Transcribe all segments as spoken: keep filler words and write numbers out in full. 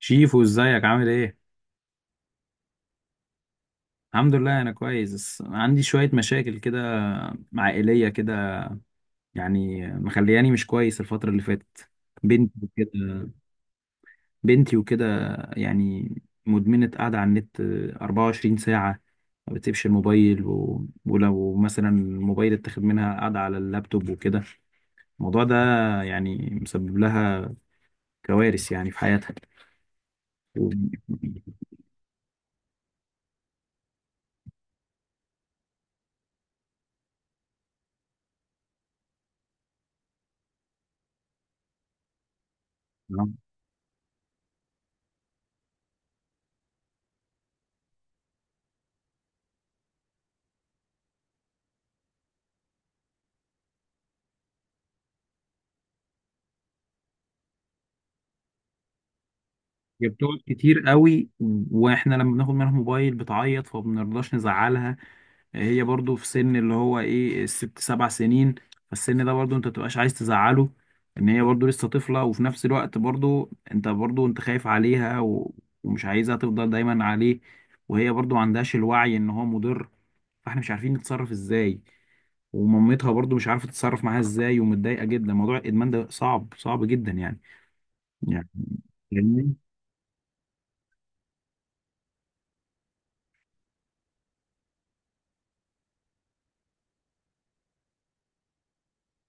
شيفو، ازيك؟ عامل ايه؟ الحمد لله، انا كويس بس عندي شوية مشاكل كده، عائلية كده، يعني مخلياني مش كويس الفترة اللي فاتت. بنتي وكده بنتي وكده يعني مدمنة قاعدة على النت 24 ساعة، ما بتسيبش الموبايل و... ولو مثلا الموبايل اتاخد منها، قاعدة على اللابتوب وكده. الموضوع ده يعني مسبب لها كوارث يعني في حياتها. و... هي بتقعد كتير قوي، واحنا لما بناخد منها موبايل بتعيط فبنرضاش نزعلها. هي برضو في سن اللي هو ايه الست سبع سنين، فالسن ده برضو انت متبقاش عايز تزعله، ان هي برضو لسه طفلة، وفي نفس الوقت برضو انت برضو انت خايف عليها و- ومش عايزها تفضل دايما عليه، وهي برضو ما عندهاش الوعي ان هو مضر، فاحنا مش عارفين نتصرف ازاي، ومامتها برضو مش عارفة تتصرف معاها ازاي ومتضايقة جدا. موضوع الادمان ده صعب، صعب جدا يعني. يعني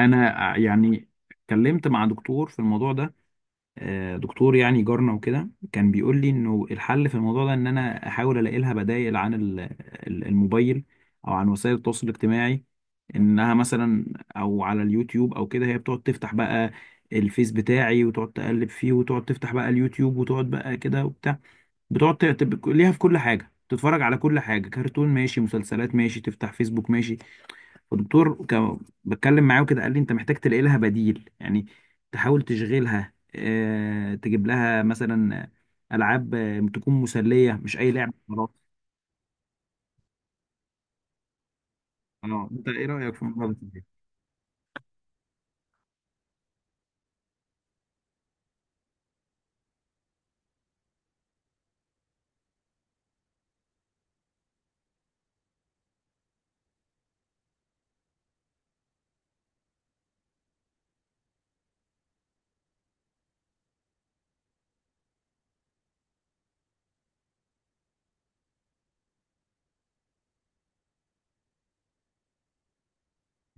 انا ع- يعني اتكلمت مع دكتور في الموضوع ده. آه، دكتور يعني جارنا وكده، كان بيقول لي انه الحل في الموضوع ده ان انا احاول الاقي لها بدائل عن ال- ال- الموبايل، او عن وسائل التواصل الاجتماعي، انها مثلا او على اليوتيوب او كده. هي بتقعد تفتح بقى الفيس بتاعي وتقعد تقلب فيه، وتقعد تفتح بقى اليوتيوب وتقعد بقى كده وبتاع، بتقعد ت- تب- ليها في كل حاجة، تتفرج على كل حاجة، كرتون ماشي، مسلسلات ماشي، تفتح فيسبوك ماشي. فالدكتور كان بتكلم معاه وكده، قال لي انت محتاج تلاقي لها بديل يعني، تحاول تشغلها، اه تجيب لها مثلا العاب، آه، تكون مسليه مش اي لعبه خلاص. اه، انت ايه رايك في الموضوع ده؟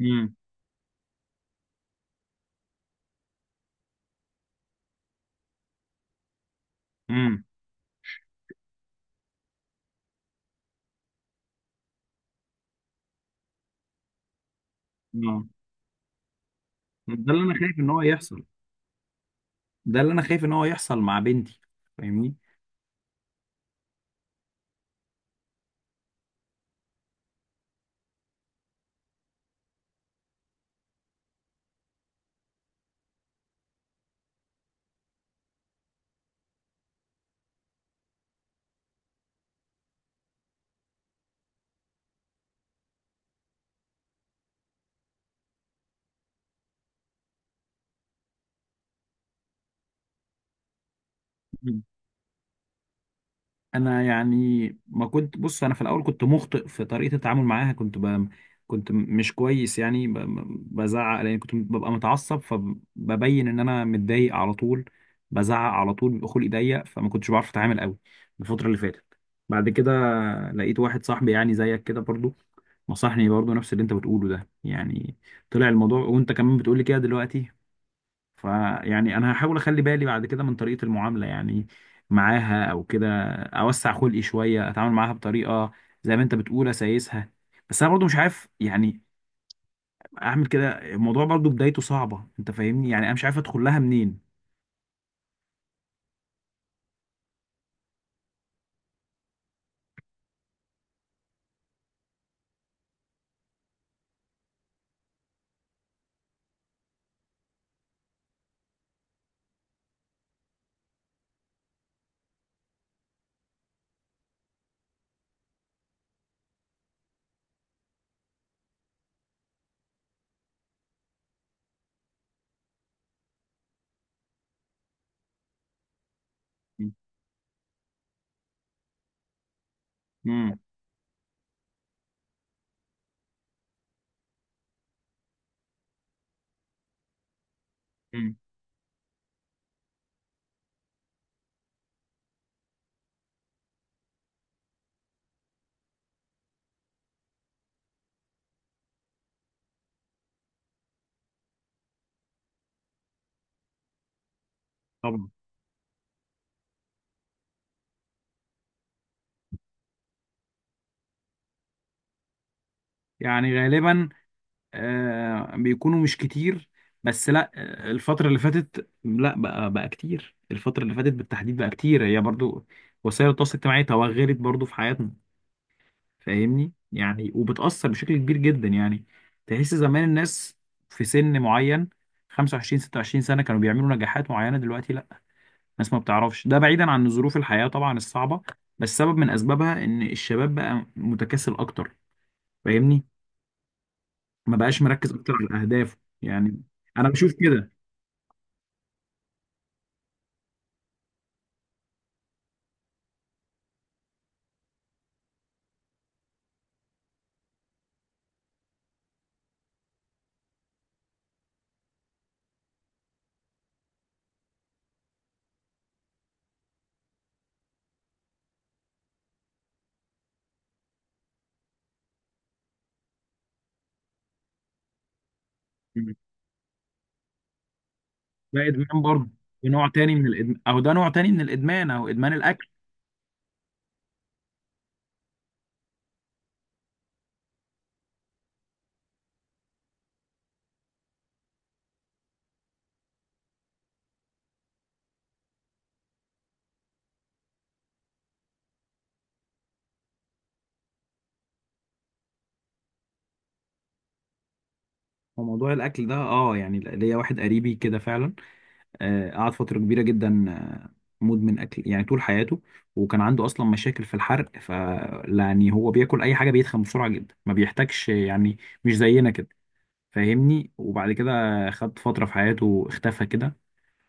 امم. امم. اه، ده اللي انا خايف ان هو يحصل، ده اللي انا خايف ان هو يحصل مع بنتي، فاهمني. انا يعني ما كنت، بص انا في الاول كنت مخطئ في طريقه التعامل معاها، كنت ب... كنت مش كويس يعني، ب... بزعق لان كنت ببقى متعصب، فببين ان انا متضايق على طول، بزعق على طول، بيبقى خلقي ضيق، فما كنتش بعرف اتعامل قوي الفتره اللي فاتت. بعد كده لقيت واحد صاحبي يعني زيك كده برضو، نصحني برضو نفس اللي انت بتقوله ده يعني، طلع الموضوع وانت كمان بتقولي كده دلوقتي. فيعني انا هحاول اخلي بالي بعد كده من طريقة المعاملة يعني معاها، او كده اوسع خلقي شوية، اتعامل معاها بطريقة زي ما انت بتقول اسايسها. بس انا برضو مش عارف يعني اعمل كده، الموضوع برضو بدايته صعبة، انت فاهمني يعني، انا مش عارف ادخل لها منين. امم. امم. طبعا. يعني غالبا آه بيكونوا مش كتير، بس لا، آه، الفترة اللي فاتت لا، بقى بقى كتير، الفترة اللي فاتت بالتحديد بقى كتير، هي برضو وسائل التواصل الاجتماعي توغلت برضو في حياتنا، فاهمني يعني، وبتأثر بشكل كبير جدا يعني. تحس زمان الناس في سن معين، خمسة وعشرين ستة وعشرين سنة، كانوا بيعملوا نجاحات معينة، دلوقتي لا، الناس ما بتعرفش، ده بعيدا عن ظروف الحياة طبعا الصعبة، بس سبب من أسبابها إن الشباب بقى متكاسل أكتر، فاهمني، ما بقاش مركز أكتر على أهدافه، يعني أنا بشوف كده. ده إدمان برضه، ده نوع تاني من الإدمان، أو ده نوع تاني من الإدمان أو إدمان الأكل. هو موضوع الأكل ده أه، يعني ليا واحد قريبي كده فعلا، آه، قعد فترة كبيرة جدا، آه، مدمن أكل يعني طول حياته، وكان عنده أصلا مشاكل في الحرق، ف يعني هو بياكل أي حاجة بيتخن بسرعة جدا، ما بيحتاجش يعني، مش زينا كده، فاهمني. وبعد كده خد فترة في حياته اختفى كده،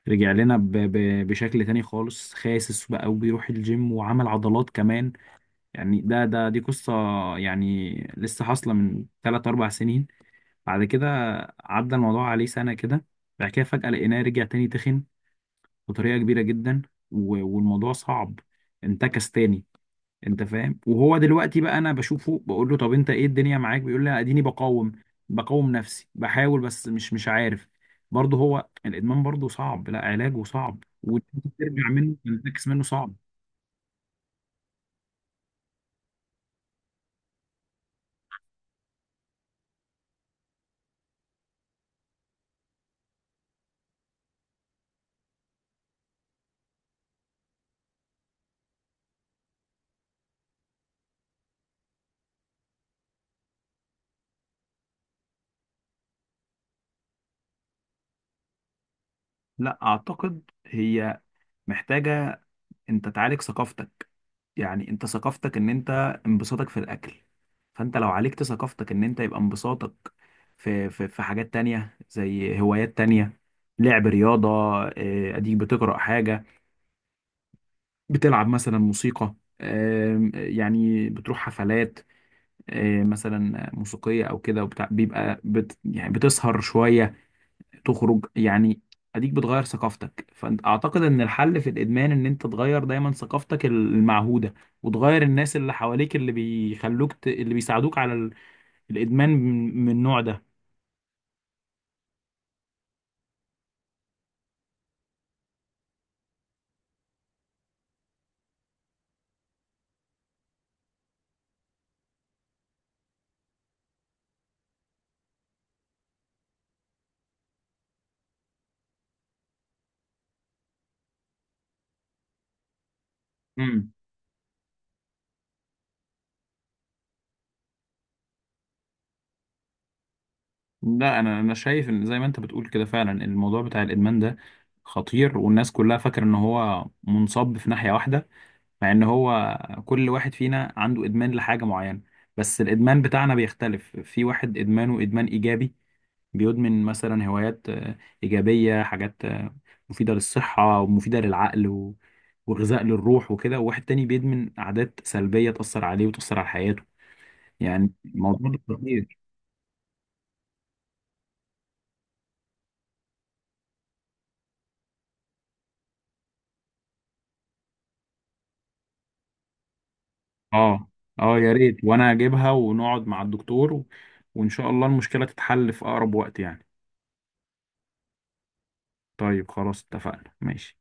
رجع لنا ب... ب... بشكل تاني خالص، خاسس بقى وبيروح الجيم وعمل عضلات كمان. يعني ده ده دي قصة يعني لسه حاصلة من ثلاثة اربعة سنين. بعد كده عدى الموضوع عليه سنة كده، بعد كده فجأة لقيناه رجع تاني تخن بطريقه كبيره جدا، و- والموضوع صعب، انتكس تاني، انت فاهم. وهو دلوقتي بقى انا بشوفه بقول له طب انت ايه الدنيا معاك؟ بيقول لي اديني بقاوم، بقاوم نفسي بحاول بس مش مش عارف، برضه هو الادمان برضه صعب، لا علاجه صعب وترجع منه تنتكس منه صعب. لا اعتقد هي محتاجه، انت تعالج ثقافتك، يعني انت ثقافتك ان انت انبساطك في الاكل، فانت لو عالجت ثقافتك ان انت يبقى انبساطك في في في حاجات تانية زي هوايات تانية، لعب رياضة، آه، اديك بتقرأ حاجة، بتلعب مثلا موسيقى، آم، يعني بتروح حفلات، آه، مثلا موسيقية او كده وبتاع، بيبقى بت يعني بتسهر شوية، تخرج يعني، اديك بتغير ثقافتك. فانت اعتقد ان الحل في الادمان ان انت تغير دايما ثقافتك المعهودة، وتغير الناس اللي حواليك اللي بيخلوك ت... اللي بيساعدوك على ال... الادمان من من النوع ده. امم. لا انا، انا شايف ان زي ما انت بتقول كده فعلا الموضوع بتاع الادمان ده خطير، والناس كلها فاكره ان هو منصب في ناحيه واحده، مع ان هو كل واحد فينا عنده ادمان لحاجه معينه، بس الادمان بتاعنا بيختلف، في واحد ادمانه ادمان ايجابي، بيدمن مثلا هوايات آه، إيجابية، حاجات آه، مفيدة للصحة ومفيدة للعقل و- وغذاء للروح وكده، وواحد تاني بيدمن عادات سلبية تأثر عليه وتأثر على حياته، يعني الموضوع ده خطير. اه. اه يا ريت، وانا اجيبها ونقعد مع الدكتور و... وان شاء الله المشكلة تتحل في اقرب وقت يعني. طيب خلاص، اتفقنا، ماشي.